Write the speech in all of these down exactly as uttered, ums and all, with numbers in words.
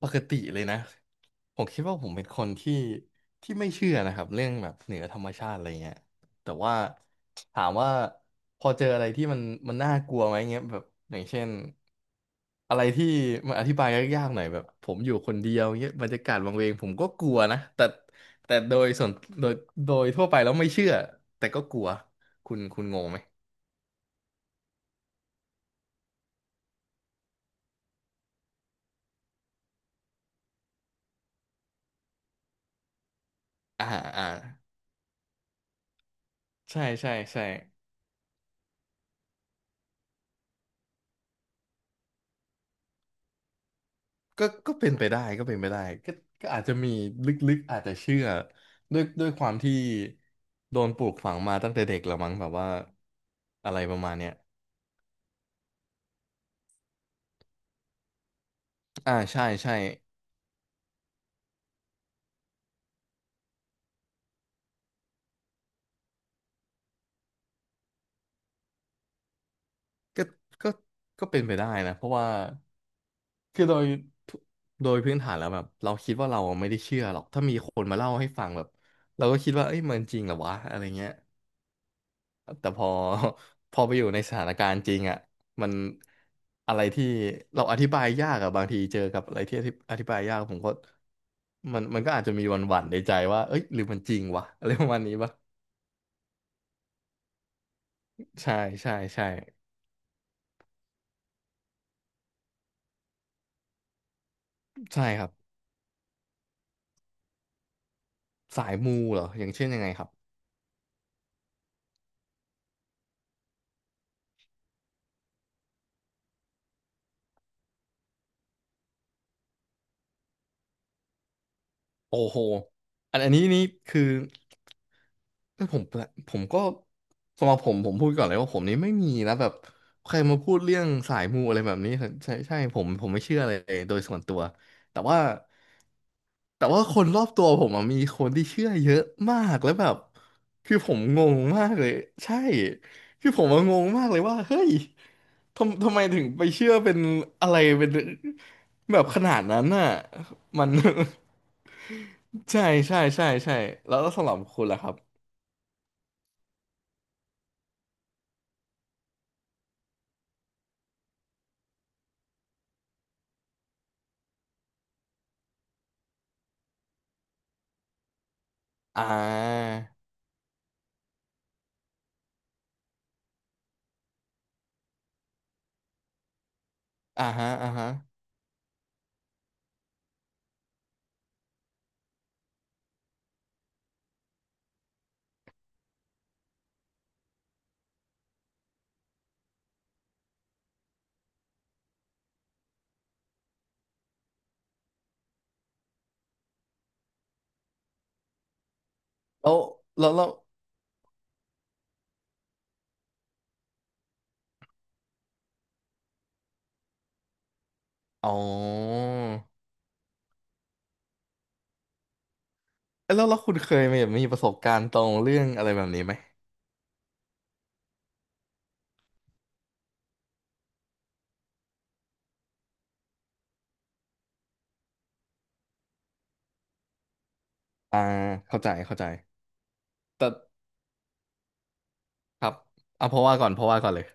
ปกติเลยนะผมคิดว่าผมเป็นคนที่ที่ไม่เชื่อนะครับเรื่องแบบเหนือธรรมชาติอะไรเงี้ยแต่ว่าถามว่าพอเจออะไรที่มันมันน่ากลัวไหมเงี้ยแบบอย่างเช่นอะไรที่มันอธิบายยากๆหน่อยแบบผมอยู่คนเดียวเงี้ยบรรยากาศวังเวงผมก็กลัวนะแต่แต่โดยส่วนโดยโดยทั่วไปแล้วไม่เชื่อแต่ก็กลัวคุณคุณงงไหมอ่าอ่าใช่ใช่ใช่ ก็ก็เป็นไปได้ ก็เป็นไปได้ก็ก็อาจจะมีลึกๆอาจจะเชื่อด้วยด้วยความที่โดนปลูกฝังมาตั้งแต่เด็กละมั้งแบบว่าอะไรประมาณเนี้ยอ่าใช่ใช่ก็ก็ก็เป็นไปได้นะเพราะว่าคือโดยทุโดยพื้นฐานแล้วแบบเราคิดว่าเราไม่ได้เชื่อหรอกถ้ามีคนมาเล่าให้ฟังแบบเราก็คิดว่าเอ้ยมันจริงเหรอวะอะไรเงี้ย แต่พอ พอไปอยู่ในสถานการณ์จริงอ่ะมันอะไรที่เราอธิบายยากอะบางทีเจอกับอะไรที่อธิอธิบายยากผมก็มันมันก็อาจจะมีหวั่นๆในใจว่าเอ้ยหรือมันจริงวะอะไรประมาณนี้ปะใช่ใช่ใช่ใช่ครับสายมูเหรออย่างเช่นยังไงครับ โอ้โหอันอันนี้นี่คือเอ้ยผมผมก็สำหรับผมผมพูดก่อนเลยว่าผมนี่ไม่มีนะแบบใครมาพูดเรื่องสายมูอะไรแบบนี้ใช่ใช่ผมผมไม่เชื่อเลยโดยส่วนตัวแต่ว่า แต่ว่าคนรอบตัวผมอะมีคนที่เชื่อเยอะมากแล้วแบบคือผมงงมากเลยใช่คือผมอะงงมากเลยว่าเฮ้ยทำทำไมถึงไปเชื่อเป็นอะไรเป็นแบบขนาดนั้นน่ะมัน ใช่ใช่ใช่ใช่แล้วสำหรับคุณล่ะครับอ่าอ่าฮะอ่าฮะแล้วแล้วแล้วอ๋อเอ้ยแล้วแล้วคุณเคยมีแบบมีประสบการณ์ตรงเรื่องอะไรแบบนี้ไหมอ่าเข้าใจเข้าใจแต่ ครับเอาเพราะว่าก่อนเพราะว่าก่อนเลย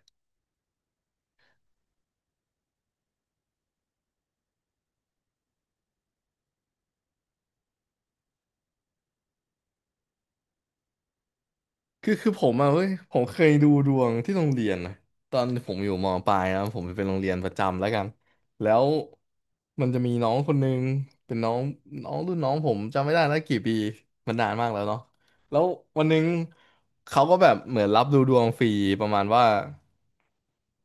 คือคือผมอะเว้ยผมเคยดูดวงที่โรงเรียนนะตอนผมอยู่มปลายนะผมเป็นโรงเรียนประจำแล้วกันแล้วมันจะมีน้องคนนึงเป็นน้องน้องรุ่นน้องผมจำไม่ได้แล้วกี่ปีมันนานมากแล้วเนาะแล้ววันหนึงเขาก็แบบเหมือนรับดูดวงฟรีประมาณว่า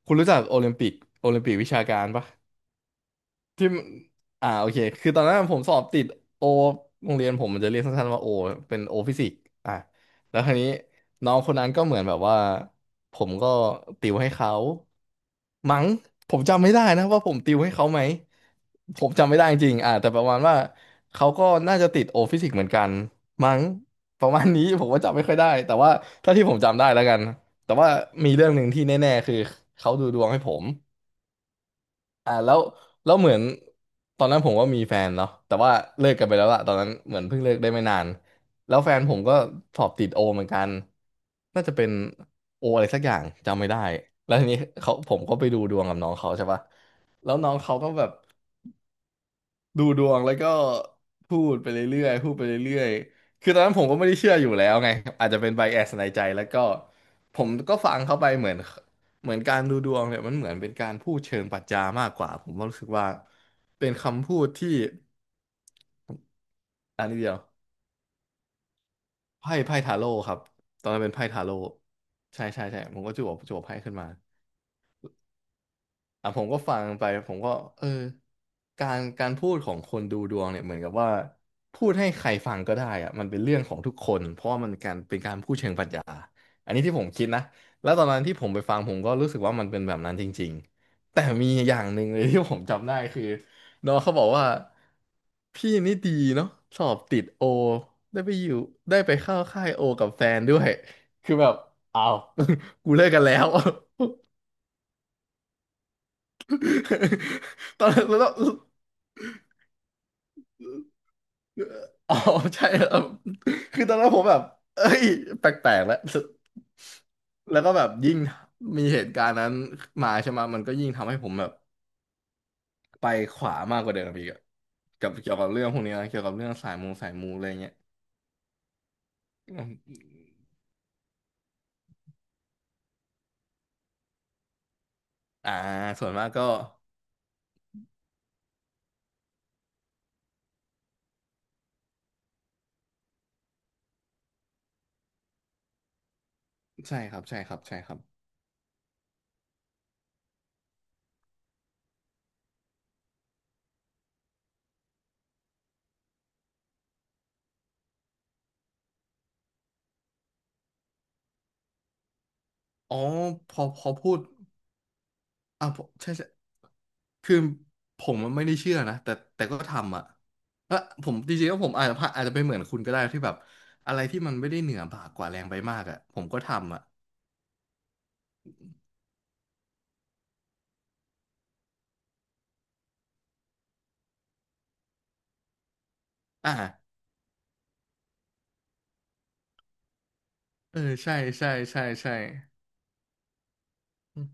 คุณรู้จักโอลิมปิกโอลิมปิกวิชาการปะ ที่มันอ่าโอเคคือตอนนั้นผมสอบติดโอโรงเรียนผมมันจะเรียกสั้นๆว่าโอเป็นโอฟิสิกส์อ่ะแล้วคราวนี้น้องคนนั้นก็เหมือนแบบว่าผมก็ติวให้เขามั้งผมจำไม่ได้นะว่าผมติวให้เขาไหมผมจำไม่ได้จริงๆอ่ะแต่ประมาณว่าเขาก็น่าจะติดโอฟิสิกส์เหมือนกันมั้งประมาณนี้ ผมก็จำไม่ค่อยได้แต่ว่าเท่าที่ผมจำได้แล้วกันแต่ว่ามีเรื่องหนึ่งที่แน่ๆคือเขาดูดวงให้ผม อ่าแล้วแล้วเหมือนตอนนั้นผมก็มีแฟนเนาะแต่ว่าเลิกกันไปแล้วล่ะตอนนั้นเหมือนเพิ่งเลิกได้ไม่นานแล้วแฟนผมก็สอบติดโอเหมือนกันน่าจะเป็นโออะไรสักอย่างจำไม่ได้แล้วทีนี้เขาผมก็ไปดูดวงกับน้องเขาใช่ปะแล้วน้องเขาก็แบบ ดูดวงแล้วก็พูดไปเรื่อยๆพูดไปเรื่อยๆคือตอนนั้นผมก็ไม่ได้เชื่ออยู่แล้วไงอาจจะเป็นไบแอสในใจแล้วก็ผมก็ฟังเข้าไปเหมือนเหมือนการดูดวงเนี่ยมันเหมือนเป็นการพูดเชิงปรัชญามากกว่าผมก็รู้สึกว่าเป็นคำพูดที่อันนี้เดียวไพ่ไพ่ทาโร่ครับตอนนั้นเป็นไพ่ทาโร่ใช่ใช่ใช่ผมก็จั่วจั่วไพ่ขึ้นมา อ่ะผมก็ฟังไปผมก็เออการการพูดของคนดูดวงเนี่ยเหมือนกับว่าพูดให้ใครฟังก็ได้อะมันเป็นเรื่องของทุกคนเพราะว่ามันการเป็นการพูดเชิงปรัชญาอันนี้ที่ผมคิดนะแล้วตอนนั้นที่ผมไปฟังผมก็รู้สึกว่ามันเป็นแบบนั้นจริงๆแต่มีอย่างหนึ่งเลย ที่ผมจำได้คือน้องเขาบอกว่าพี่นี่ดีเนาะสอบติดโอได้ไปอยู่ได้ไปเข้าค่ายโอกับแฟนด้วยคือแบบอ้าว กูเลิกกันแล้ว ตอนนั้นแล้ว อ๋อใช่เออคือตอนนั้นผมแบบเอ้ย แปลกๆแล้ว แล้วก็แบบยิ่งมีเหตุการณ์นั้นมาใช่ไหมมันก็ยิ่งทำให้ผมแบบไปขวามากกว่าเดิมอีกอะกับเกี่ยวกับเรื่องพวกนี้นะเกี่ยวกับเรื่องสายมูสายมูอะไรเงี้ยอืมอ่า ส่วนมากก็ใช่ครับใช่ครับใช่ครับอ๋อพอพอพูด อ่ะผมใช่ใช่คือผมมันไม่ได้เชื่อนะแต่แต่ก็ทำอ่ะเออผมจริงๆแล้วผมอาจจะพลาดอาจจะเป็นเหมือนคุณก็ได้ที่แบบอะไรที่มันไม่ได้เหนือบ่ากว่าแรงไปมากอ่ะผมก็ทำอ่ะอ่าเออใช่ใช่ใช่ใช่อืม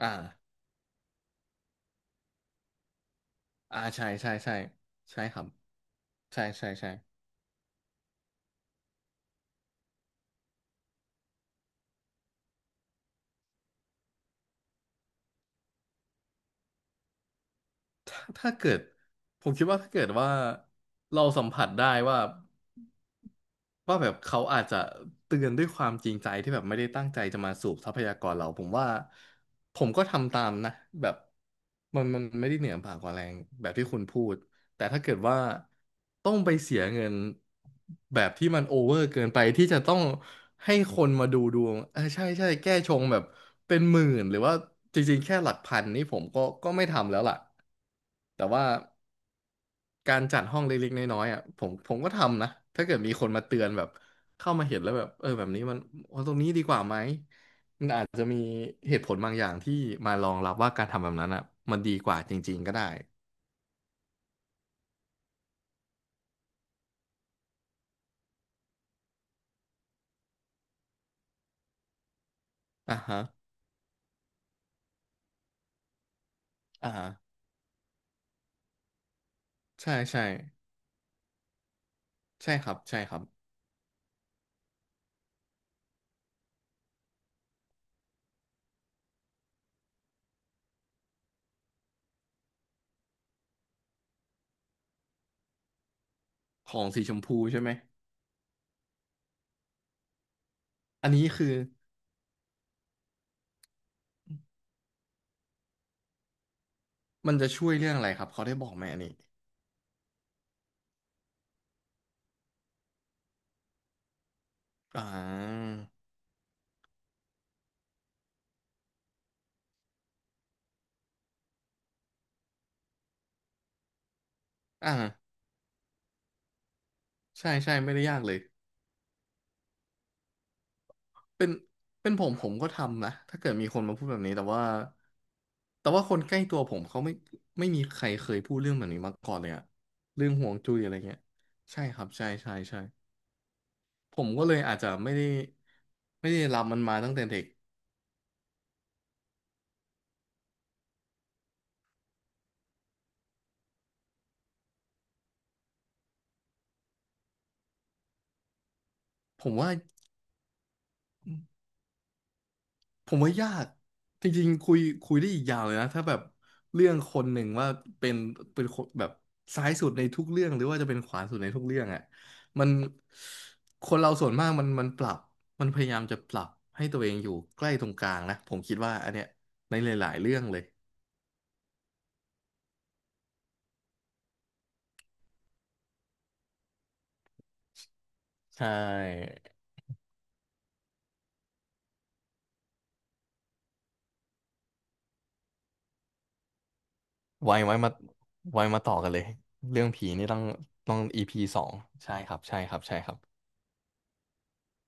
อ่าอ่าใช่ใช่ใช่ใช่ครับใช่ใช่ใช่ถ้าถ้าเกิดผมคิดว่าถ้าเกิดว่าเราสัมผัสได้ว่า ว่าแบบเขาอาจจะเตือนด้วยความจริงใจที่แบบไม่ได้ตั้งใจจะมาสูบทรัพยากรเราผมว่าผมก็ทำตามนะแบบมันมันไม่ได้เหนือบ่ากว่าแรงแบบที่คุณพูดแต่ถ้าเกิดว่าต้องไปเสียเงินแบบที่มันโอเวอร์เกินไปที่จะต้องให้คนมาดูดวงเออใช่ใช่แก้ชงแบบเป็นหมื่นหรือว่าจริงๆแค่หลักพันนี่ผมก็ก็ไม่ทำแล้วล่ะแต่ว่า การจัดห้องเล็กๆน้อยๆอ่ะผมผมก็ทำนะถ้าเกิดมีคนมาเตือนแบบเข้ามาเห็นแล้วแบบเออแบบนี้มันเอาตรงนี้ดีกว่าไหมอาจจะมีเหตุผลบางอย่างที่มารองรับว่าการทำแบบนั้นอ่ะมันดีกว่าจริงๆก็ได้อ่าฮะอ่าฮะใช่ใช่ใช่ครับใช่ครับของสีชมพูใช่ไหมอันนี้คือมันจะช่วยเรื่องอะไรครับเขาได้บอกไหมอันนี้อ่าอ่าใช่ใช่ไม่ได้ยากเลย เป็นเป็นผมผมก็ทำนะถ้าเกิดมีคนมาพูดแบบนี้แต่ว่าแต่ว่าคนใกล้ตัวผมเขาไม่ไม่มีใครเคยพูดเรื่องแบบนี้มาก่อนเลยอะเรื่องห่วงจุ้ยอะไรเงี้ยใช่ครับใช่ใช่ใช่ผมก็เลยอาจจะไม่ได้ไม่ได้รับมันมาตั้งแต่เด็กผมว่า ผมว่ายากจริงๆคุยคุยได้อีกยาวเลยนะถ้าแบบเรื่องคนหนึ่งว่าเป็นเป็นคนแบบซ้ายสุดในทุกเรื่องหรือว่าจะเป็นขวาสุดในทุกเรื่องอ่ะมันคนเราส่วนมากมันมันปรับมันพยายามจะปรับให้ตัวเองอยู่ใกล้ตรงกลางนะผมคิดว่าอันเนี้ยในหลายๆเรื่องเลยใช่ไว้ไว้มาไว้มาต่อกันเลยเรื่องผีนี่ต้องต้องอีพ พี สองใช่ครับใช่ครับใช่ครับ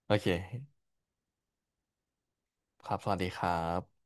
โอเคครับสวัสดีครับ